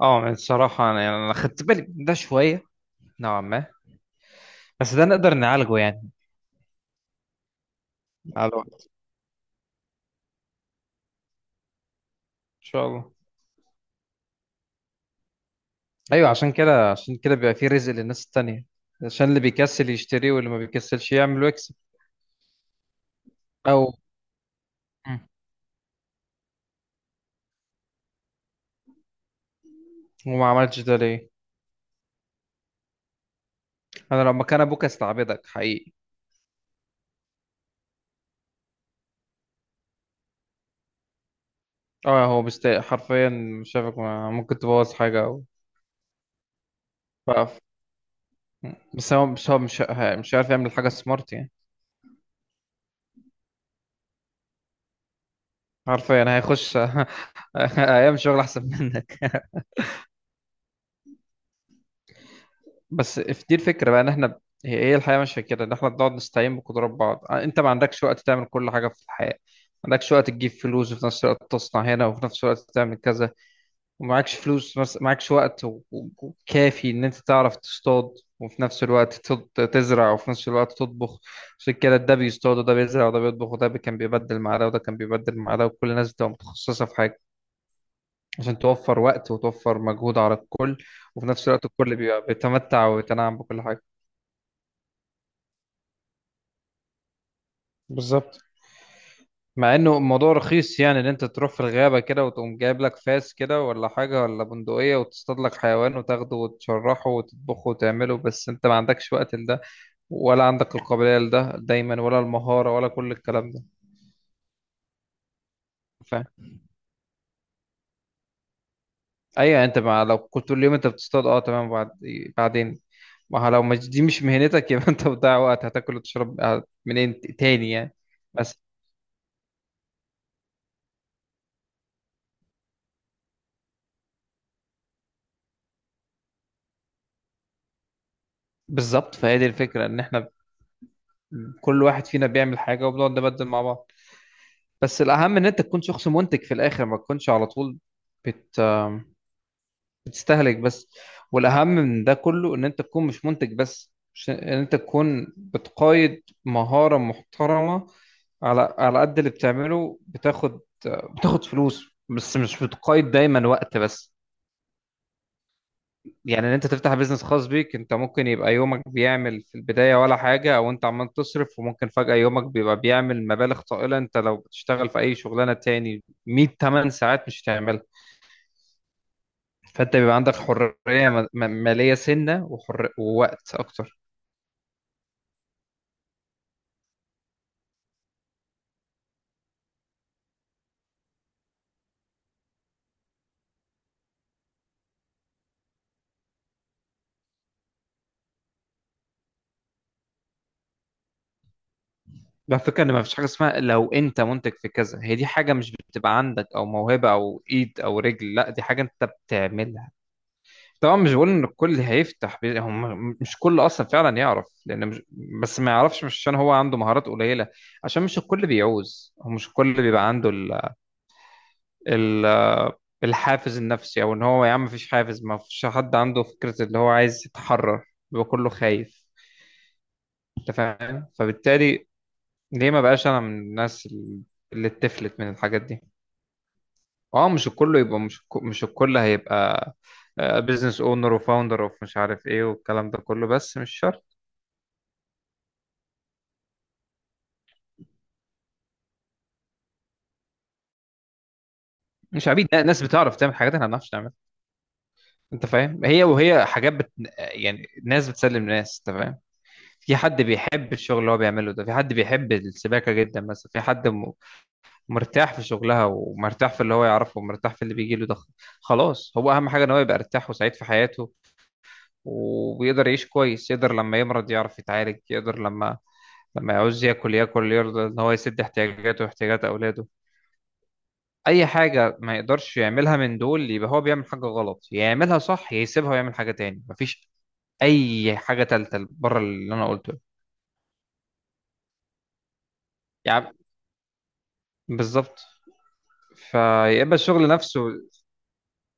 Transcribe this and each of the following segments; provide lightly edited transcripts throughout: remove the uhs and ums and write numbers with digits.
اه، يعني الصراحة أنا يعني أنا خدت بالي من ده شوية، نوعا ما. بس ده نقدر نعالجه يعني، على الوقت إن شاء الله. أيوة، عشان كده بيبقى فيه رزق للناس التانية، عشان اللي بيكسل يشتري واللي ما بيكسلش يعمل ويكسب. أو مم. وما عملتش ده ليه؟ أنا لو مكان أبوك أستعبدك حقيقي. أه، هو مستاء حرفيا شافك ممكن تبوظ حاجة أو فقف. بس هو مش عارف يعمل حاجة سمارت يعني. حرفيا هيخش أيام شغل أحسن منك. بس في دي الفكرة بقى، ان احنا هي الحياة مش كده، ان احنا بنقعد نستعين بقدرات بعض. آه، انت ما عندكش وقت تعمل كل حاجة في الحياة، ما عندكش وقت تجيب فلوس وفي نفس الوقت تصنع هنا وفي نفس الوقت تعمل كذا، معكش وقت وكافي ان انت تعرف تصطاد وفي نفس الوقت تزرع وفي نفس الوقت تطبخ. عشان كده ده بيصطاد وده بيزرع وده بيطبخ وده كان بيبدل مع ده وده كان بيبدل مع ده، وكل الناس بتبقى متخصصة في حاجة، عشان توفر وقت وتوفر مجهود على الكل، وفي نفس الوقت الكل بيبقى بيتمتع ويتنعم بكل حاجة. بالظبط. مع انه الموضوع رخيص، يعني ان انت تروح في الغابة كده وتقوم جايب لك فاس كده ولا حاجة ولا بندقية وتصطاد لك حيوان وتاخده وتشرحه وتطبخه وتعمله، بس انت ما عندكش وقت لده، ولا عندك القابلية لده دايما، ولا المهارة، ولا كل الكلام ده. فاهم. ايوه، انت مع لو كنت طول اليوم انت بتصطاد، اه تمام، بعد بعدين ما هو لو مش دي مش مهنتك يبقى انت بتضيع وقت، هتاكل وتشرب تاني يعني. بس بالظبط، فهي دي الفكرة، ان احنا كل واحد فينا بيعمل حاجة وبنقعد نبدل مع بعض. بس الأهم إن أنت تكون شخص منتج في الآخر، ما تكونش على طول بت... بتستهلك بس. والأهم من ده كله إن أنت تكون مش منتج بس، مش إن أنت تكون بتقايد مهارة محترمة، على قد اللي بتعمله بتاخد، بتاخد فلوس، بس مش بتقايد دايما وقت بس. يعني ان انت تفتح بيزنس خاص بيك، انت ممكن يبقى يومك بيعمل في البداية ولا حاجة او انت عمال تصرف، وممكن فجأة يومك بيبقى بيعمل مبالغ طائلة. انت لو بتشتغل في اي شغلانة تاني 100 8 ساعات مش هتعملها. فانت بيبقى عندك حرية مالية سنة ووقت اكتر. بقى الفكرة ان ما فيش حاجة اسمها لو انت منتج في كذا، هي دي حاجة مش بتبقى عندك، او موهبة او ايد او رجل، لا، دي حاجة انت بتعملها. طبعا مش بقول ان الكل هم مش كل اصلا فعلا يعرف، لان مش، بس ما يعرفش مش عشان هو عنده مهارات قليله، عشان مش الكل بيعوز، هو مش الكل بيبقى عنده ال... الحافز النفسي، او ان هو يا عم مفيش حافز، ما فيش حد عنده فكره اللي هو عايز يتحرر، بيبقى كله خايف. انت فاهم؟ فبالتالي ليه ما بقاش انا من الناس اللي اتفلت من الحاجات دي. اه، مش الكل يبقى، مش الكل هيبقى بزنس اونر وفاوندر اوف مش عارف ايه والكلام ده كله، بس مش شرط. مش عبيد، لا، ناس بتعرف تعمل حاجات احنا ما بنعرفش نعملها. انت فاهم؟ هي حاجات يعني ناس بتسلم ناس، انت فاهم. في حد بيحب الشغل اللي هو بيعمله ده، في حد بيحب السباكه جدا مثلا، مرتاح في شغلها ومرتاح في اللي هو يعرفه ومرتاح في اللي بيجي له ده. خلاص، هو اهم حاجه ان هو يبقى مرتاح وسعيد في حياته، وبيقدر يعيش كويس، يقدر لما يمرض يعرف يتعالج، يقدر لما لما يعوز ياكل ياكل، يرضى ان هو يسد احتياجاته واحتياجات اولاده. اي حاجه ما يقدرش يعملها من دول يبقى هو بيعمل حاجه غلط، يا يعملها صح يا يسيبها ويعمل حاجه تاني، مفيش اي حاجه تالته بره اللي انا قلته ده. يعني بالظبط، فيبقى الشغل نفسه.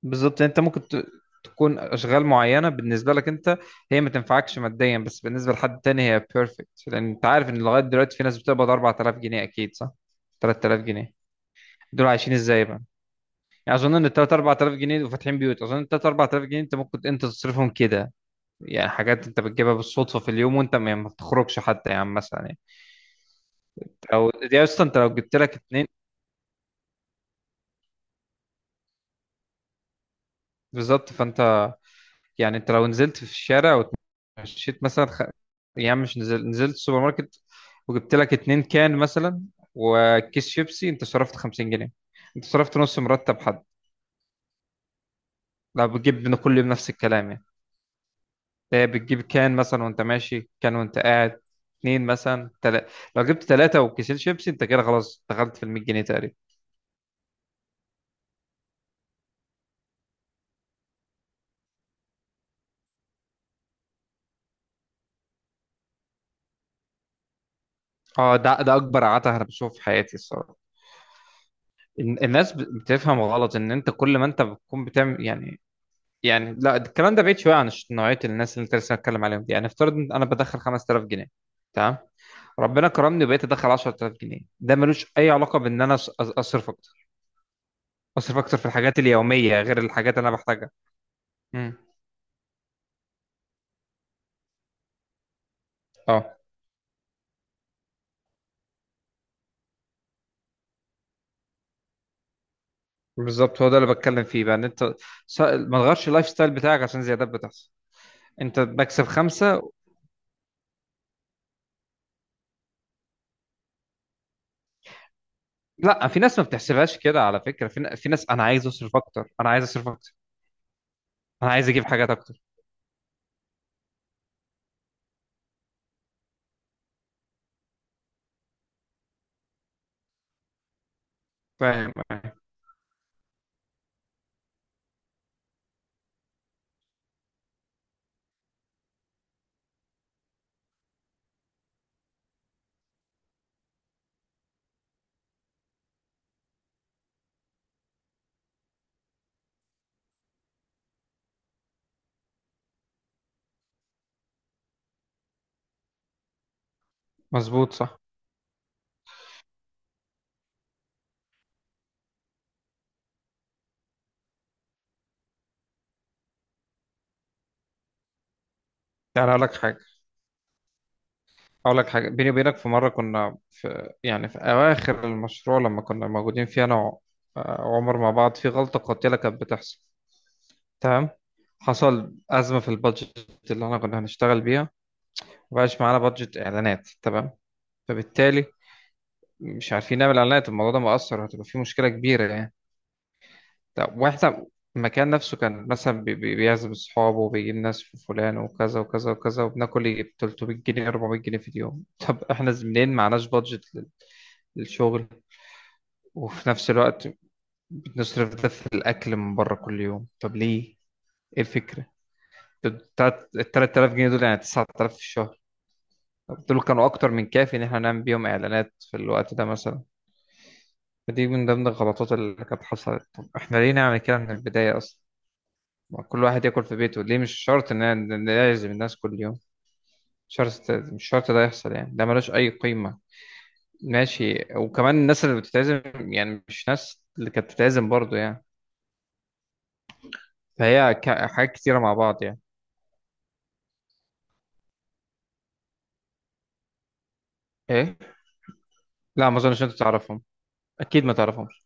بالظبط. تكون اشغال معينه بالنسبه لك انت هي ما تنفعكش ماديا، بس بالنسبه لحد تاني هي بيرفكت. لان انت عارف ان لغايه دلوقتي في ناس بتقبض 4000 جنيه، اكيد صح. 3000 جنيه، دول عايشين ازاي بقى؟ يعني اظن ان 3 4000 جنيه وفاتحين بيوت، اظن 3 4000 جنيه انت ممكن انت تصرفهم كده. يعني حاجات انت بتجيبها بالصدفه في اليوم وانت ما بتخرجش حتى، يعني مثلا يعني، او يا اسطى انت لو جبت لك اتنين. بالظبط. فانت يعني انت لو نزلت في الشارع ومشيت مثلا يعني مش نزل... نزلت السوبر ماركت وجبت لك اتنين كان مثلا وكيس شيبسي، انت صرفت 50 جنيه، انت صرفت نص مرتب حد لو بتجيب من كل يوم نفس الكلام يعني. ده بتجيب كان مثلا وانت ماشي، كان وانت قاعد اتنين مثلا لو جبت ثلاثة وكيسين شيبسي انت كده خلاص دخلت في ال 100 جنيه تقريبا. اه ده اكبر عته انا بشوفه في حياتي الصراحه. بتفهم غلط ان انت كل ما انت بتكون بتعمل يعني، يعني لا الكلام ده بعيد شويه عن نوعيه الناس اللي انت لسه هتكلم عليهم دي. يعني افترض ان انا بدخل 5000 جنيه، تمام، ربنا كرمني وبقيت ادخل 10000 جنيه، ده ملوش اي علاقه بان انا اصرف اكتر، اصرف اكتر في الحاجات اليوميه غير الحاجات اللي انا بحتاجها. امم. اه بالظبط، هو ده اللي بتكلم فيه بقى، ان انت ما تغيرش اللايف ستايل بتاعك عشان زيادات بتحصل، انت بكسب خمسه. لا في ناس ما بتحسبهاش كده على فكرة، في، في ناس انا عايز اصرف اكتر، انا عايز اصرف اكتر، انا عايز اجيب حاجات اكتر، فاهم؟ مظبوط، صح. يعني اقول لك حاجة، اقول لك حاجة بيني وبينك. في مرة كنا في يعني في اواخر المشروع لما كنا موجودين فيه انا آه، وعمر مع بعض، في غلطة قاتلة كانت بتحصل. تمام؟ حصل أزمة في البادجت اللي احنا كنا هنشتغل بيها، مبقاش معانا بادجت إعلانات. تمام؟ فبالتالي مش عارفين نعمل إعلانات، الموضوع ده مؤثر، هتبقى فيه مشكلة كبيرة يعني. طب واحنا المكان نفسه كان مثلا بيعزم أصحابه وبيجيب ناس في فلان وكذا وكذا وكذا، وبناكل 300 جنيه 400 جنيه في اليوم طب احنا منين؟ معناش بادجت للشغل، وفي نفس الوقت بنصرف ده في الأكل من بره كل يوم. طب ليه؟ ايه الفكرة؟ ال 3000 جنيه دول يعني 9000 في الشهر. طب دول كانوا أكتر من كافي إن احنا نعمل بيهم إعلانات في الوقت ده مثلا. فدي من ضمن الغلطات اللي كانت حصلت. طب احنا ليه نعمل كده من البداية أصلا؟ ما كل واحد ياكل في بيته، ليه مش شرط ان إن نعزم الناس كل يوم. مش شرط، مش شرط ده يحصل يعني، ده ملوش اي قيمة. ماشي. وكمان الناس اللي بتتعزم، يعني مش ناس اللي كانت بتتعزم برضه يعني. فهي حاجات كتيرة مع بعض يعني. ايه. لا، ما اظنش انت تعرفهم، اكيد ما تعرفهمش.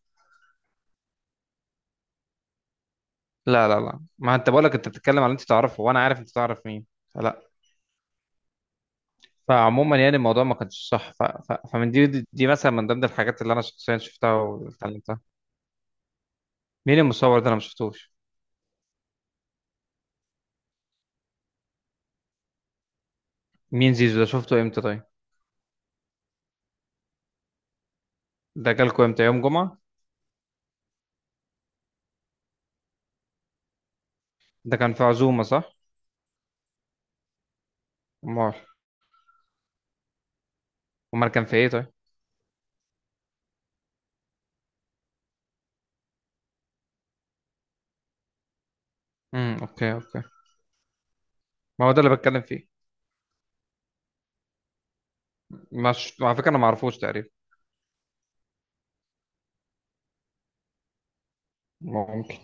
لا لا لا، ما انت بقولك انت بتتكلم على اللي انت تعرفه وانا عارف انت تعرف مين، فلا. فعموما يعني الموضوع ما كانش صح، فمن دي مثلا من ضمن الحاجات اللي انا شخصيا شفتها واتعلمتها. مين المصور ده؟ انا ما شفتوش. مين زيزو ده؟ شفته امتى طيب؟ ده جالكوا امتى، يوم جمعة؟ ده كان في عزومة صح؟ امال؟ امال كان في ايه طيب؟ امم، اوكي اوكي. ما هو ده اللي بتكلم فيه. مش على فكرة انا ما اعرفوش تقريبا. ممكن.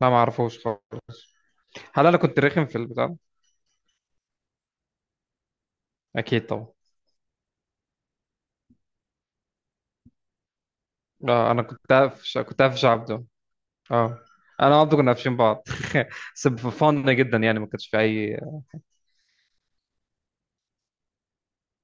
لا ما اعرفوش خالص. هل انا كنت رخم في البتاع ده؟ اكيد طبعا. اه انا كنت قافش، كنت قافش عبده. اه، انا وعبده كنا قافشين بعض. بس فن جدا يعني، ما كانش في اي